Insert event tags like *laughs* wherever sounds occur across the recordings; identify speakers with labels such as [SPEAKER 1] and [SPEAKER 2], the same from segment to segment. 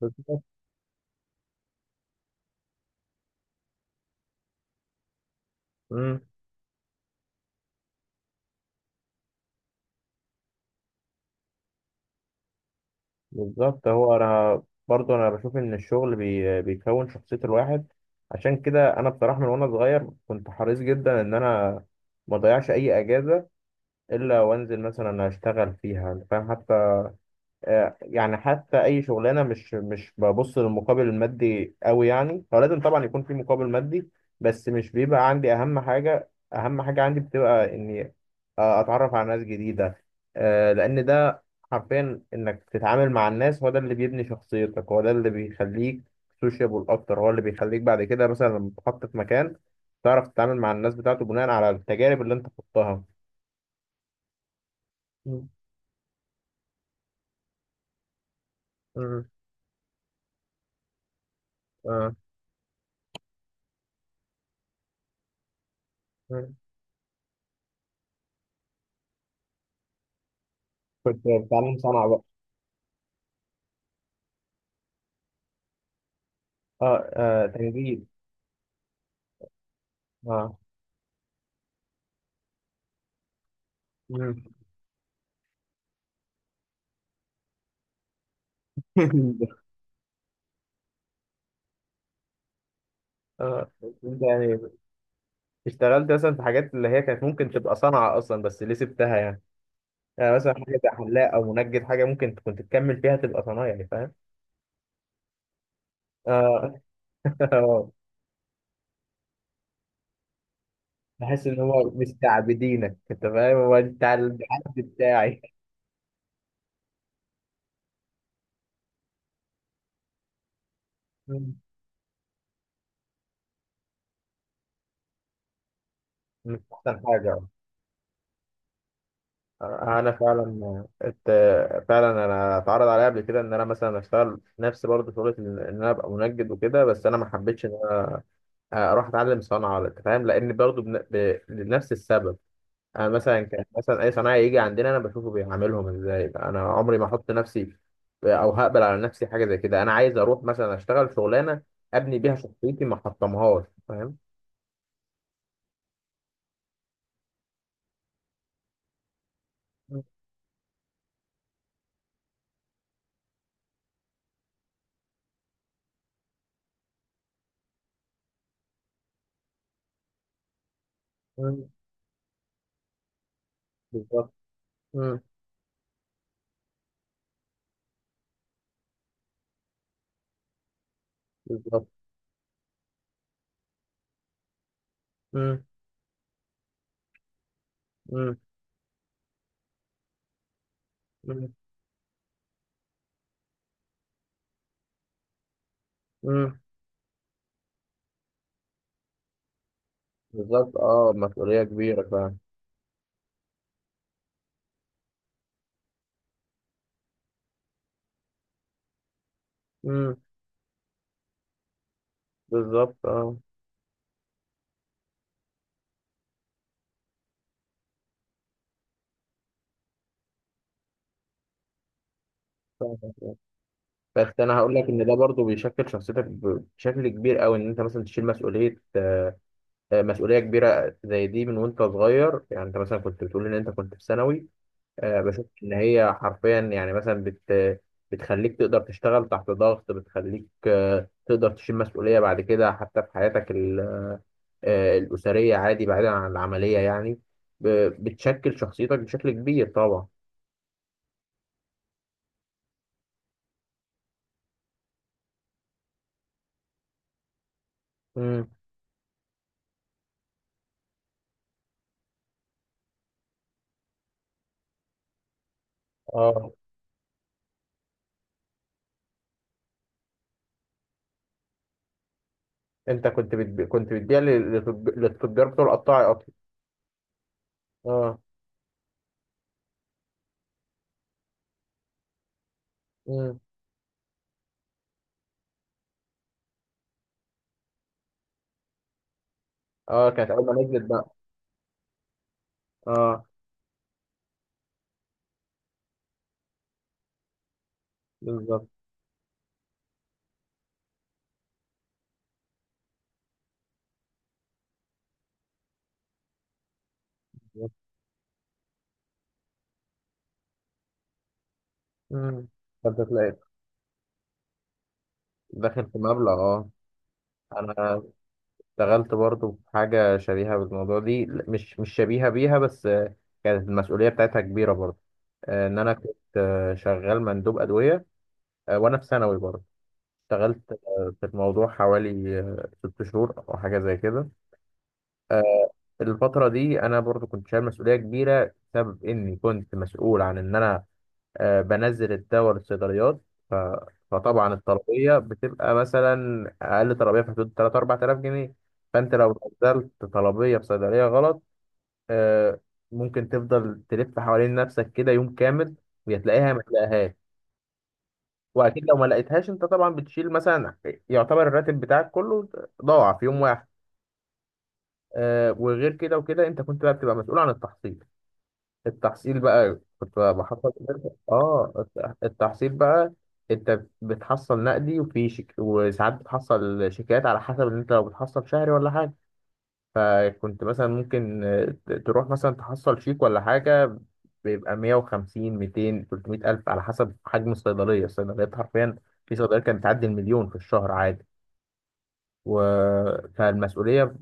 [SPEAKER 1] بالظبط. مم. بالظبط، هو انا برضو انا بشوف ان الشغل بيكون شخصية الواحد. عشان كده انا بصراحة من وانا صغير كنت حريص جدا ان انا ما اضيعش اي اجازة الا وانزل مثلا اشتغل فيها، انت فاهم؟ حتى يعني حتى اي شغلانه مش ببص للمقابل المادي قوي، يعني هو لازم طبعا يكون في مقابل مادي، بس مش بيبقى عندي اهم حاجه، اهم حاجه عندي بتبقى اني اتعرف على ناس جديده، لان ده حرفيا انك تتعامل مع الناس، هو ده اللي بيبني شخصيتك، هو ده اللي بيخليك سوشيبل اكتر، هو اللي بيخليك بعد كده مثلا لما تتحط في مكان تعرف تتعامل مع الناس بتاعته بناء على التجارب اللي انت خضتها. مم. مم. آه. مم. كنت بتعلم صنعة بقى. اه اه، تجديد. اه. مم. *laughs* اه، بس انت يعني اشتغلت مثلا في حاجات اللي هي كانت ممكن تبقى صنعة اصلا، بس ليه سبتها؟ يعني يعني مثلا حاجة زي حلاق او منجد، حاجة ممكن كنت تكمل فيها تبقى صنايعي، يعني فاهم؟ اه. *laughs* آه. بحس ان هو مستعبدينك، انت فاهم؟ هو انت على الحد بتاعي. مم. مش احسن حاجة. آه، انا فعلا ات... فعلا انا اتعرض عليا قبل كده ان انا مثلا اشتغل نفس برضه شغلة، ان انا ابقى منجد وكده، بس انا ما حبيتش اروح اتعلم صنعه ولا، انت فاهم؟ لان برضو لنفس السبب. انا مثلا كان مثلا اي صنايعي يجي عندنا انا بشوفه بيعاملهم ازاي، انا عمري ما احط نفسي او هقبل على نفسي حاجه زي كده. انا عايز اروح مثلا اشتغل شغلانه ابني بيها شخصيتي، ما احطمهاش، فاهم؟ مم، مم، بالظبط. مم، بالظبط. مم، مم، مم، مم، بالظبط، اه، مسؤوليه كبيره فعلا. مم، بالظبط، اه. فاهم. بس انا هقول لك ان ده برضو بيشكل شخصيتك بشكل كبير قوي، ان انت مثلا تشيل مسؤوليه، مسؤوليه كبيره زي دي من وانت صغير. يعني انت مثلا كنت بتقول ان انت كنت في ثانوي، بشوف ان هي حرفيا يعني مثلا بتخليك تقدر تشتغل تحت ضغط، بتخليك تقدر تشيل مسؤوليه بعد كده حتى في حياتك الاسريه، عادي بعيدا عن العمليه يعني. ب- بتشكل شخصيتك بشكل كبير طبعا. امم، اه انت كنت بتبيع، كنت بتبيع للتجار بتوع القطاعي اصلا. اه. امم. اه، كانت اول ما نزلت بقى. اه، بالظبط. امم، فانت تلاقي داخل في مبلغ، اه. انا اشتغلت برضو في حاجه شبيهه بالموضوع دي، مش شبيهه بيها بس كانت المسؤوليه بتاعتها كبيره برضو، ان انا كنت شغال مندوب ادويه، وانا في ثانوي برضو. اشتغلت في الموضوع حوالي 6 شهور او حاجه زي كده. آه، الفترة دي أنا برضو كنت شايل مسؤولية كبيرة بسبب إني كنت مسؤول عن إن أنا بنزل الدواء للصيدليات. ف... فطبعا الطلبية بتبقى مثلا أقل طلبية في حدود 3 4000 جنيه. فأنت لو نزلت طلبية في صيدلية غلط، آه، ممكن تفضل تلف حوالين نفسك كده يوم كامل، ويا تلاقيها ما تلاقيهاش. وأكيد لو ما لقيتهاش أنت طبعا بتشيل مثلا، يعتبر الراتب بتاعك كله ضاع في يوم واحد. وغير كده وكده أنت كنت بقى بتبقى مسؤول عن التحصيل. التحصيل بقى كنت بحصل، اه، التحصيل بقى انت بتحصل نقدي وساعات بتحصل شيكات على حسب ان انت لو بتحصل شهري ولا حاجه. فكنت مثلا ممكن تروح مثلا تحصل شيك ولا حاجه، بيبقى 150 200 300 الف على حسب حجم الصيدليه، الصيدليات حرفيا في صيدليه كانت تعدي 1000000 في الشهر عادي. و... فالمسؤولية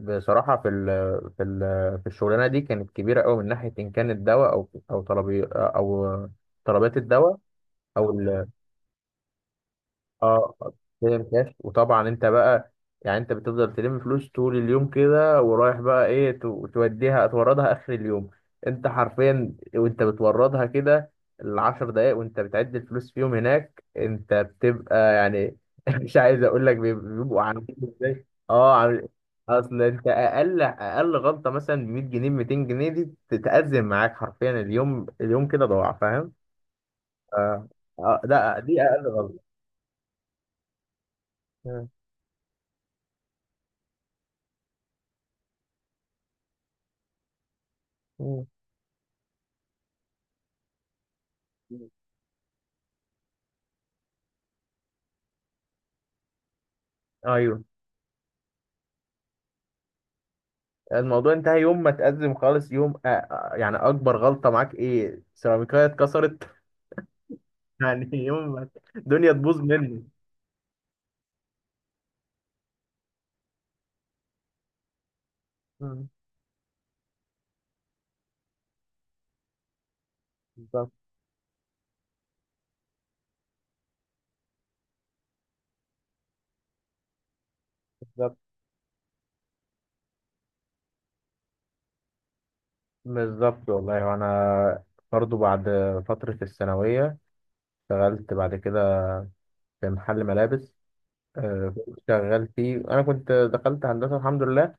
[SPEAKER 1] بصراحة في ال... في الشغلانة دي كانت كبيرة قوي من ناحية إن كان الدواء أو أو طلبي أو طلبات الدواء أو ال... اه، تلم كاش. وطبعا انت بقى يعني انت بتفضل تلم فلوس طول اليوم كده، ورايح بقى ايه، توديها توردها اخر اليوم. انت حرفيا وانت بتوردها كده العشر دقايق وانت بتعد الفلوس فيهم هناك انت بتبقى يعني *laughs* مش عايز اقول لك بيبقوا عاملين ازاي، اه عامل. اصل انت اقل غلطه مثلا ب 100 جنيه 200 جنيه دي تتأزم معاك حرفيا، اليوم، اليوم كده ضاع، فاهم؟ آه. آه. ده دي اقل غلطه. مم. ايوه. الموضوع انتهى يوم ما تأزم خالص. يوم يعني اكبر غلطة معاك ايه؟ سيراميكاية اتكسرت. *laughs* يعني يوم ما الدنيا تبوظ مني. مم. بالظبط، بالظبط، بالظبط والله. وانا برضو بعد فترة الثانوية اشتغلت بعد كده في محل ملابس، كنت شغال فيه. انا كنت دخلت هندسة الحمد لله،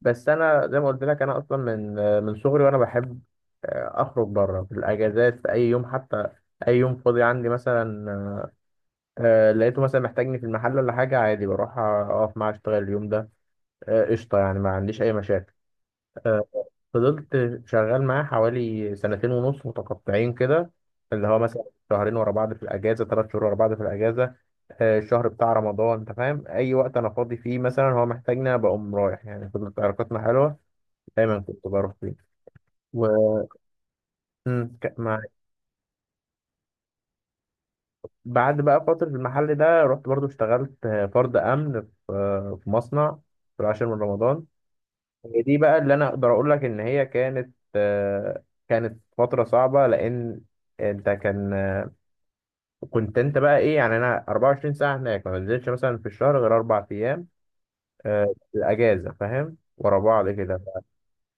[SPEAKER 1] بس انا زي ما قلت لك انا اصلا من من صغري وانا بحب اخرج بره في الاجازات في اي يوم. حتى اي يوم فاضي عندي مثلا، آه لقيته مثلا محتاجني في المحل ولا حاجة، عادي بروح أقف معاه أشتغل اليوم ده. قشطة يعني، ما عنديش أي مشاكل. آه، فضلت شغال معاه حوالي سنتين ونص متقطعين كده، اللي هو مثلا شهرين ورا بعض في الأجازة، 3 شهور ورا بعض في الأجازة، الشهر بتاع رمضان. أنت فاهم، أي وقت أنا فاضي فيه مثلا هو محتاجني أنا بقوم رايح. يعني فضلت علاقتنا حلوة، دايما كنت بروح فيه و... مم، بعد بقى فترة المحل ده رحت برضو اشتغلت فرد أمن في في مصنع في العاشر من رمضان. هي دي بقى اللي انا اقدر اقول لك ان هي كانت كانت فتره صعبه، لان انت كان آه، كنت انت بقى ايه يعني، انا 24 ساعه هناك ما بنزلش مثلا في الشهر غير 4 ايام، الاجازه، فاهم؟ ورا بعض كده.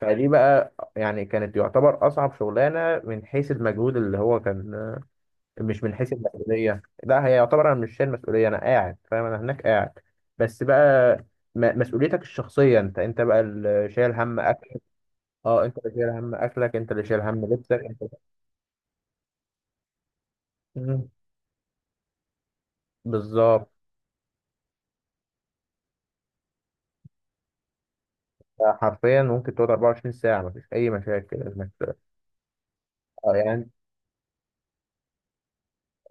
[SPEAKER 1] فدي بقى يعني كانت يعتبر اصعب شغلانه من حيث المجهود اللي هو كان، مش من حيث المسؤوليه، لا هي يعتبر انا مش شايل مسؤوليه، انا قاعد، فاهم؟ انا هناك قاعد. بس بقى مسؤوليتك الشخصيه انت، انت بقى اللي شايل هم اكل، اه، انت اللي شايل هم اكلك، انت اللي شايل هم لبسك انت. مم. بالظبط. حرفيا ممكن تقعد 24 ساعة مفيش أي مشاكل إنك، اه يعني،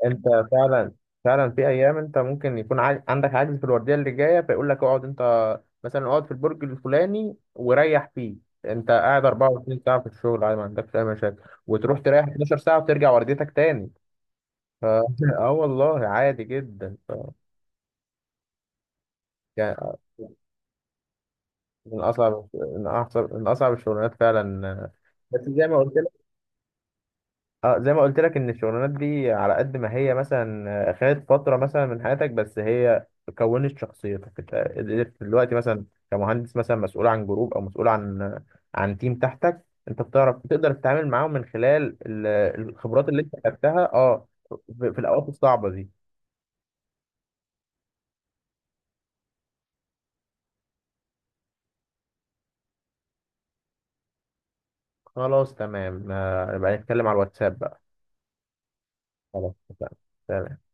[SPEAKER 1] أنت فعلا فعلا في أيام أنت ممكن يكون عندك عجز في الوردية اللي جاية فيقول لك اقعد أنت مثلا اقعد في البرج الفلاني وريح فيه. أنت قاعد 24 ساعة في الشغل عادي ما عندكش أي مشاكل، وتروح تريح 12 ساعة وترجع ورديتك تاني. ف... *laughs* اه والله عادي جدا. يعني من اصعب من اصعب من اصعب الشغلانات فعلا. بس زي ما قلت لك، اه زي ما قلت لك ان الشغلانات دي على قد ما هي مثلا خدت فتره مثلا من حياتك، بس هي كونت شخصيتك. انت قدرت دلوقتي مثلا كمهندس مثلا مسؤول عن جروب، او مسؤول عن عن تيم تحتك، انت بتعرف تقدر تتعامل معاهم من خلال الخبرات اللي انت خدتها، اه في في الاوقات الصعبه دي. خلاص تمام، نبقى نتكلم على الواتساب بقى. خلاص اتفقنا. تمام